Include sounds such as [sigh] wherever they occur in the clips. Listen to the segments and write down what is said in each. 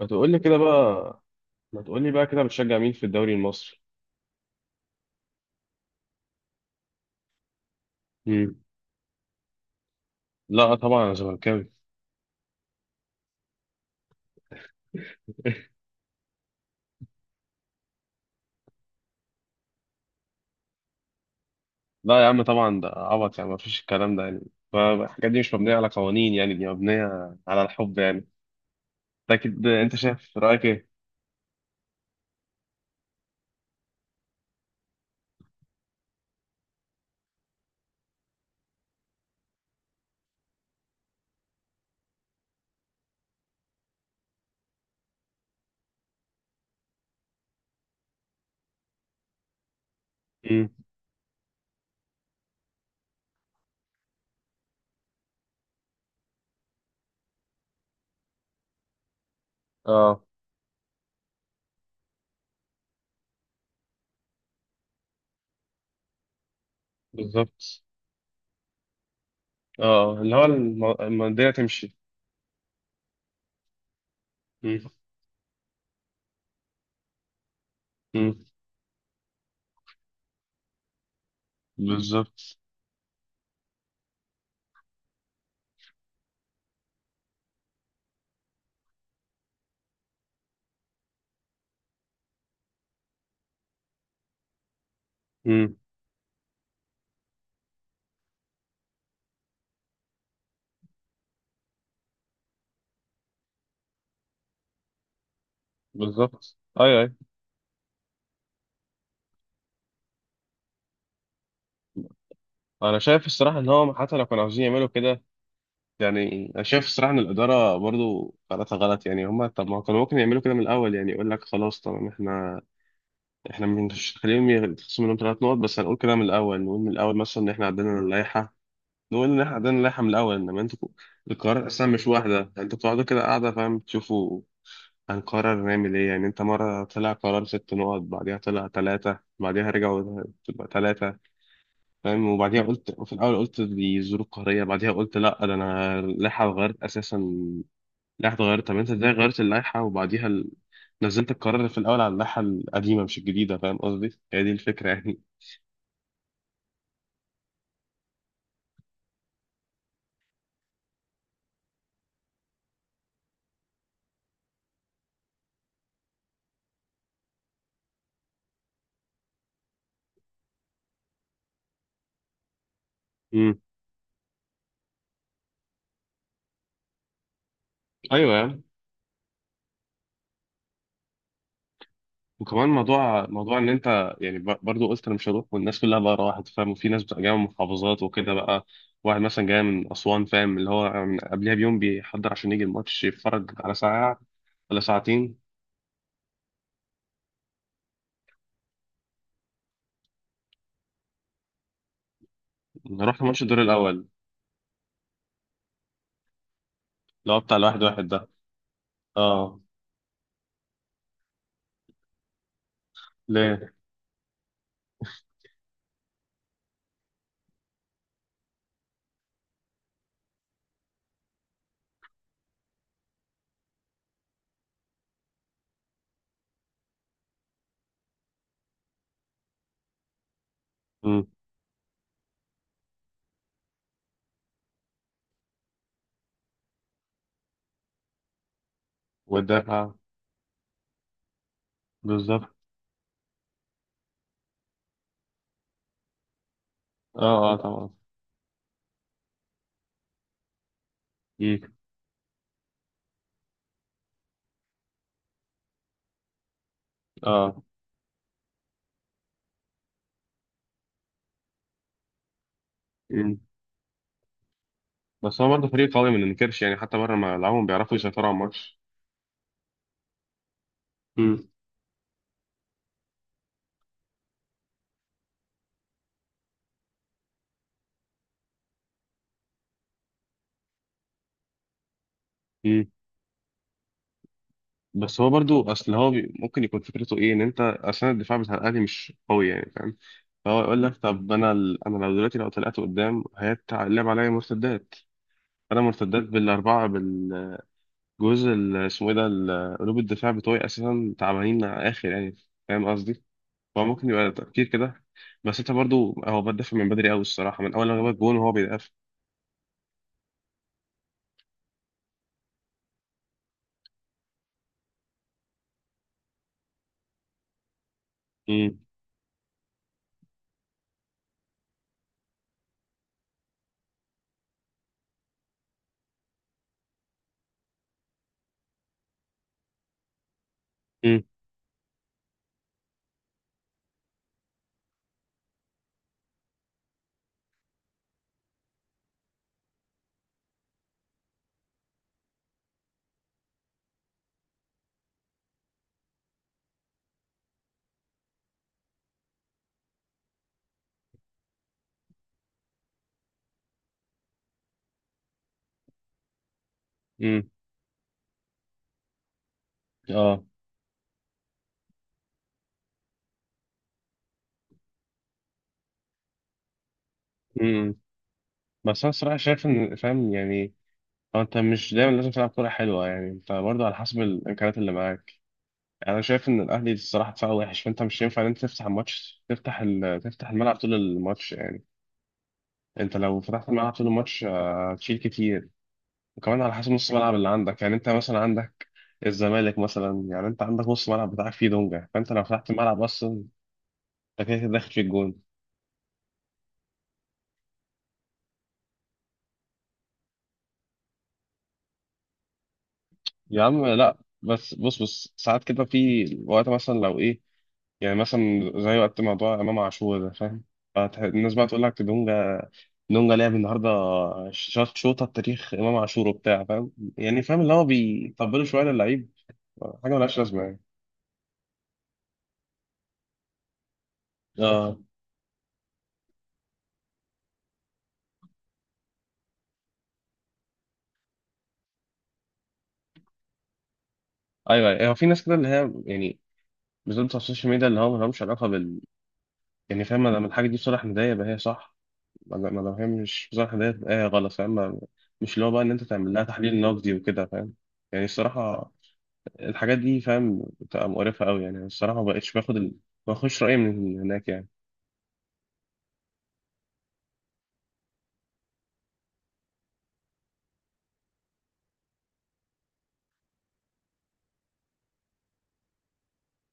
ما تقول لي كده بقى ما تقول لي بقى كده بتشجع مين في الدوري المصري؟ مم. لا، طبعا انا زملكاوي. [laughs] لا يا عم، طبعا ده عبط، يعني ما فيش الكلام ده يعني. فالحاجات دي مش مبنيه على قوانين، يعني دي مبنيه على الحب يعني. اكيد، انت شايف رايك ايه؟ مم. اه. بالظبط. اه، اللي هو المنديل تمشي. مم. امم. بالظبط. مم. بالظبط، اي اي. انا شايف الصراحه ان هو حتى لو كانوا عاوزين يعملوا كده، يعني انا شايف الصراحه ان الاداره برضو قراراتها غلط، يعني هم طب ما كانوا ممكن يعملوا كده من الاول، يعني يقول لك خلاص طبعا احنا مش هنخليهم يتخصم منهم ثلاث نقط، بس هنقول كده من الاول، نقول من الاول مثلا ان احنا عندنا اللائحه. نقول ان احنا عندنا اللائحه من الاول، انما انتوا القرار اصلا مش واحده، انتوا بتقعدوا كده قاعده فاهم تشوفوا هنقرر نعمل ايه، يعني انت مره طلع قرار ست نقط بعديها طلع ثلاثه بعديها رجعوا تبقى ثلاثه، فاهم، وبعديها قلت في الاول، قلت دي ظروف قهريه، بعديها قلت لا ده انا اللائحه اتغيرت اساسا. اللائحة اتغيرت، طب انت ازاي غيرت اللائحة وبعديها نزلت القرار في الأول على اللائحة القديمة مش الجديدة، فاهم قصدي؟ هي دي الفكرة يعني. امم. أيوه يعني. وكمان موضوع إن أنت، يعني برضو قلت أنا مش هروح والناس كلها بقى راحت، فاهم، وفي ناس بتبقى جاية من محافظات وكده بقى. واحد مثلا جاي من أسوان، فاهم، اللي هو من قبلها بيوم بيحضر عشان يجي الماتش يتفرج على ساعة ولا ساعتين. رحت ماتش الدور الأول اللي هو بتاع الواحد واحد ده. اه. ليه؟ امم. والدافع. بالظبط. اه اه طبعا. امم. اه. مم. بس هو برضه فريق قوي ما ننكرش، يعني حتى بره ما لعبهم بيعرفوا يسيطروا على الماتش. مم. مم. بس هو برضه اصل هو ممكن يكون فكرته ايه، ان انت اصلا الدفاع بتاع الاهلي مش قوي يعني، فاهم، فهو يقول لك طب انا انا لو دلوقتي لو طلعت قدام هيتلعب عليا مرتدات. انا مرتدات بالاربعه بالجزء اسمه ايه ده قلوب الدفاع بتوعي اساسا تعبانين اخر يعني، فاهم قصدي. هو ممكن يبقى تفكير كده، بس انت برضه هو بدافع من بدري قوي الصراحه، من اول ما جاب الجون وهو بيدافع. مم. مم. اه. امم. بس انا الصراحه شايف ان فاهم يعني. هو انت مش دايما لازم تلعب كوره حلوه، يعني انت برضه على حسب الامكانيات اللي معاك. يعني انا شايف ان الاهلي الصراحه دفاعه وحش، فانت مش ينفع ان انت تفتح الماتش، تفتح تفتح الملعب طول الماتش يعني. انت لو فتحت الملعب طول الماتش، هتشيل كتير. وكمان على حسب نص الملعب اللي عندك، يعني انت مثلا عندك الزمالك مثلا، يعني انت عندك نص الملعب بتاعك فيه دونجا، فانت لو فتحت الملعب اصلا انت كده كده داخل في الجون. يا عم لا، بس بص بص ساعات كده في وقت مثلا لو ايه، يعني مثلا زي وقت موضوع امام عاشور ده فاهم، الناس بقى تقول لك دونجا، دونجا لعب النهارده، شاط شوطه بتاريخ امام عاشور وبتاع فاهم، يعني فاهم اللي هو بيطبلوا شويه للعيب حاجه ملهاش لازمه يعني. اه. ايوه ايوه، هو في ناس كده اللي هي يعني، بالذات بتوع السوشيال ميديا اللي هو مالهمش علاقه بال. يعني فاهم، ما دام الحاجه دي بصالح الهدايا يبقى هي صح، ما دام ما دام هي مش بصالح الهدايا يبقى هي غلط، فاهم مش اللي هو بقى ان انت تعمل لها تحليل نقدي وكده فاهم، يعني الصراحه الحاجات دي فاهم بتبقى مقرفة قوي يعني، الصراحة ما بقتش باخد ما باخدش رأيي من هناك يعني.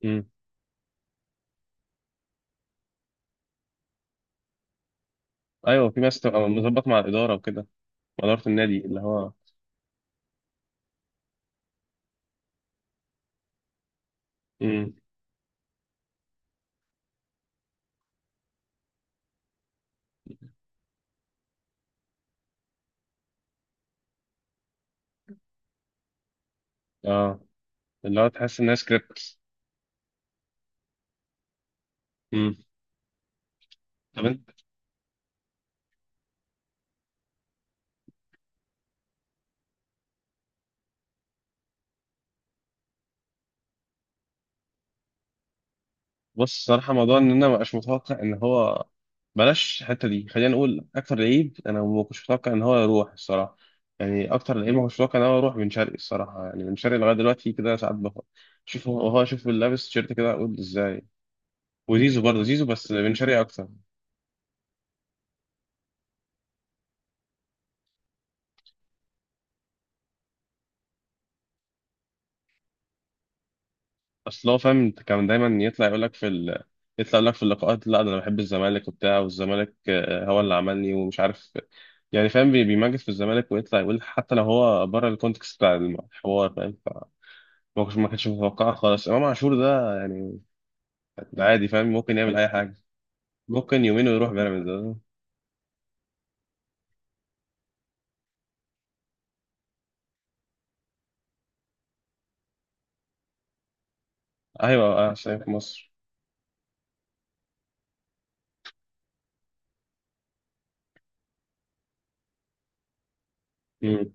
امم. ايوه، في ناس تبقى مظبط مع الإدارة وكده، مع إدارة النادي اللي هو. امم. اه، اللي هو تحس انها سكريبت. امم. طب انت. بص الصراحة موضوع ان انا ما بقاش متوقع ان هو، بلاش الحتة دي، خلينا نقول اكتر لعيب انا ما كنتش متوقع ان هو يروح الصراحة. يعني اكتر لعيب ما كنتش متوقع ان هو يروح بن شرقي الصراحة، يعني بن شرقي لغاية دلوقتي كده ساعات بفكر، شوف هو شوف لابس تيشيرت كده اقول ازاي. وزيزو برضه زيزو، بس بن شرقي اكتر. اصل هو فاهم كان دايما يطلع يقول لك في يطلع يقول لك في اللقاءات لا ده انا بحب الزمالك وبتاع، والزمالك هو اللي عملني ومش عارف، يعني فاهم بيمجد في الزمالك ويطلع يقول حتى لو هو بره الكونتكست بتاع الحوار، فاهم ما كانش متوقع خالص امام عاشور ده يعني. ده عادي فاهم، ممكن يعمل اي حاجه، ممكن يومين ويروح بيراميدز. ايوه، عشان في مصر. مم.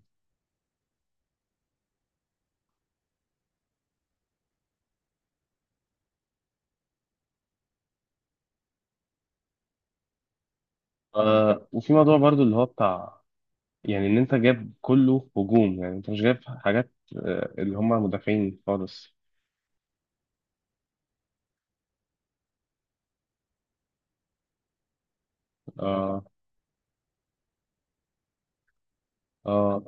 وفي موضوع برضو اللي هو بتاع، يعني ان انت جايب كله هجوم، يعني انت مش جايب حاجات اللي هم مدافعين خالص. اه اه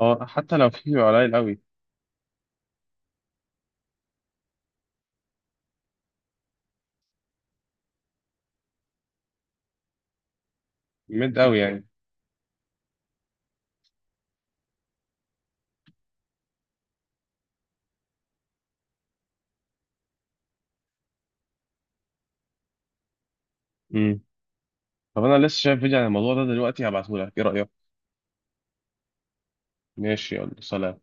اه. حتى لو في بيبقى قليل قوي ميد قوي يعني. امم. طب انا لسه شايف فيديو عن الموضوع ده دلوقتي هبعته لك، ايه رأيك؟ ماشي، يلا سلام.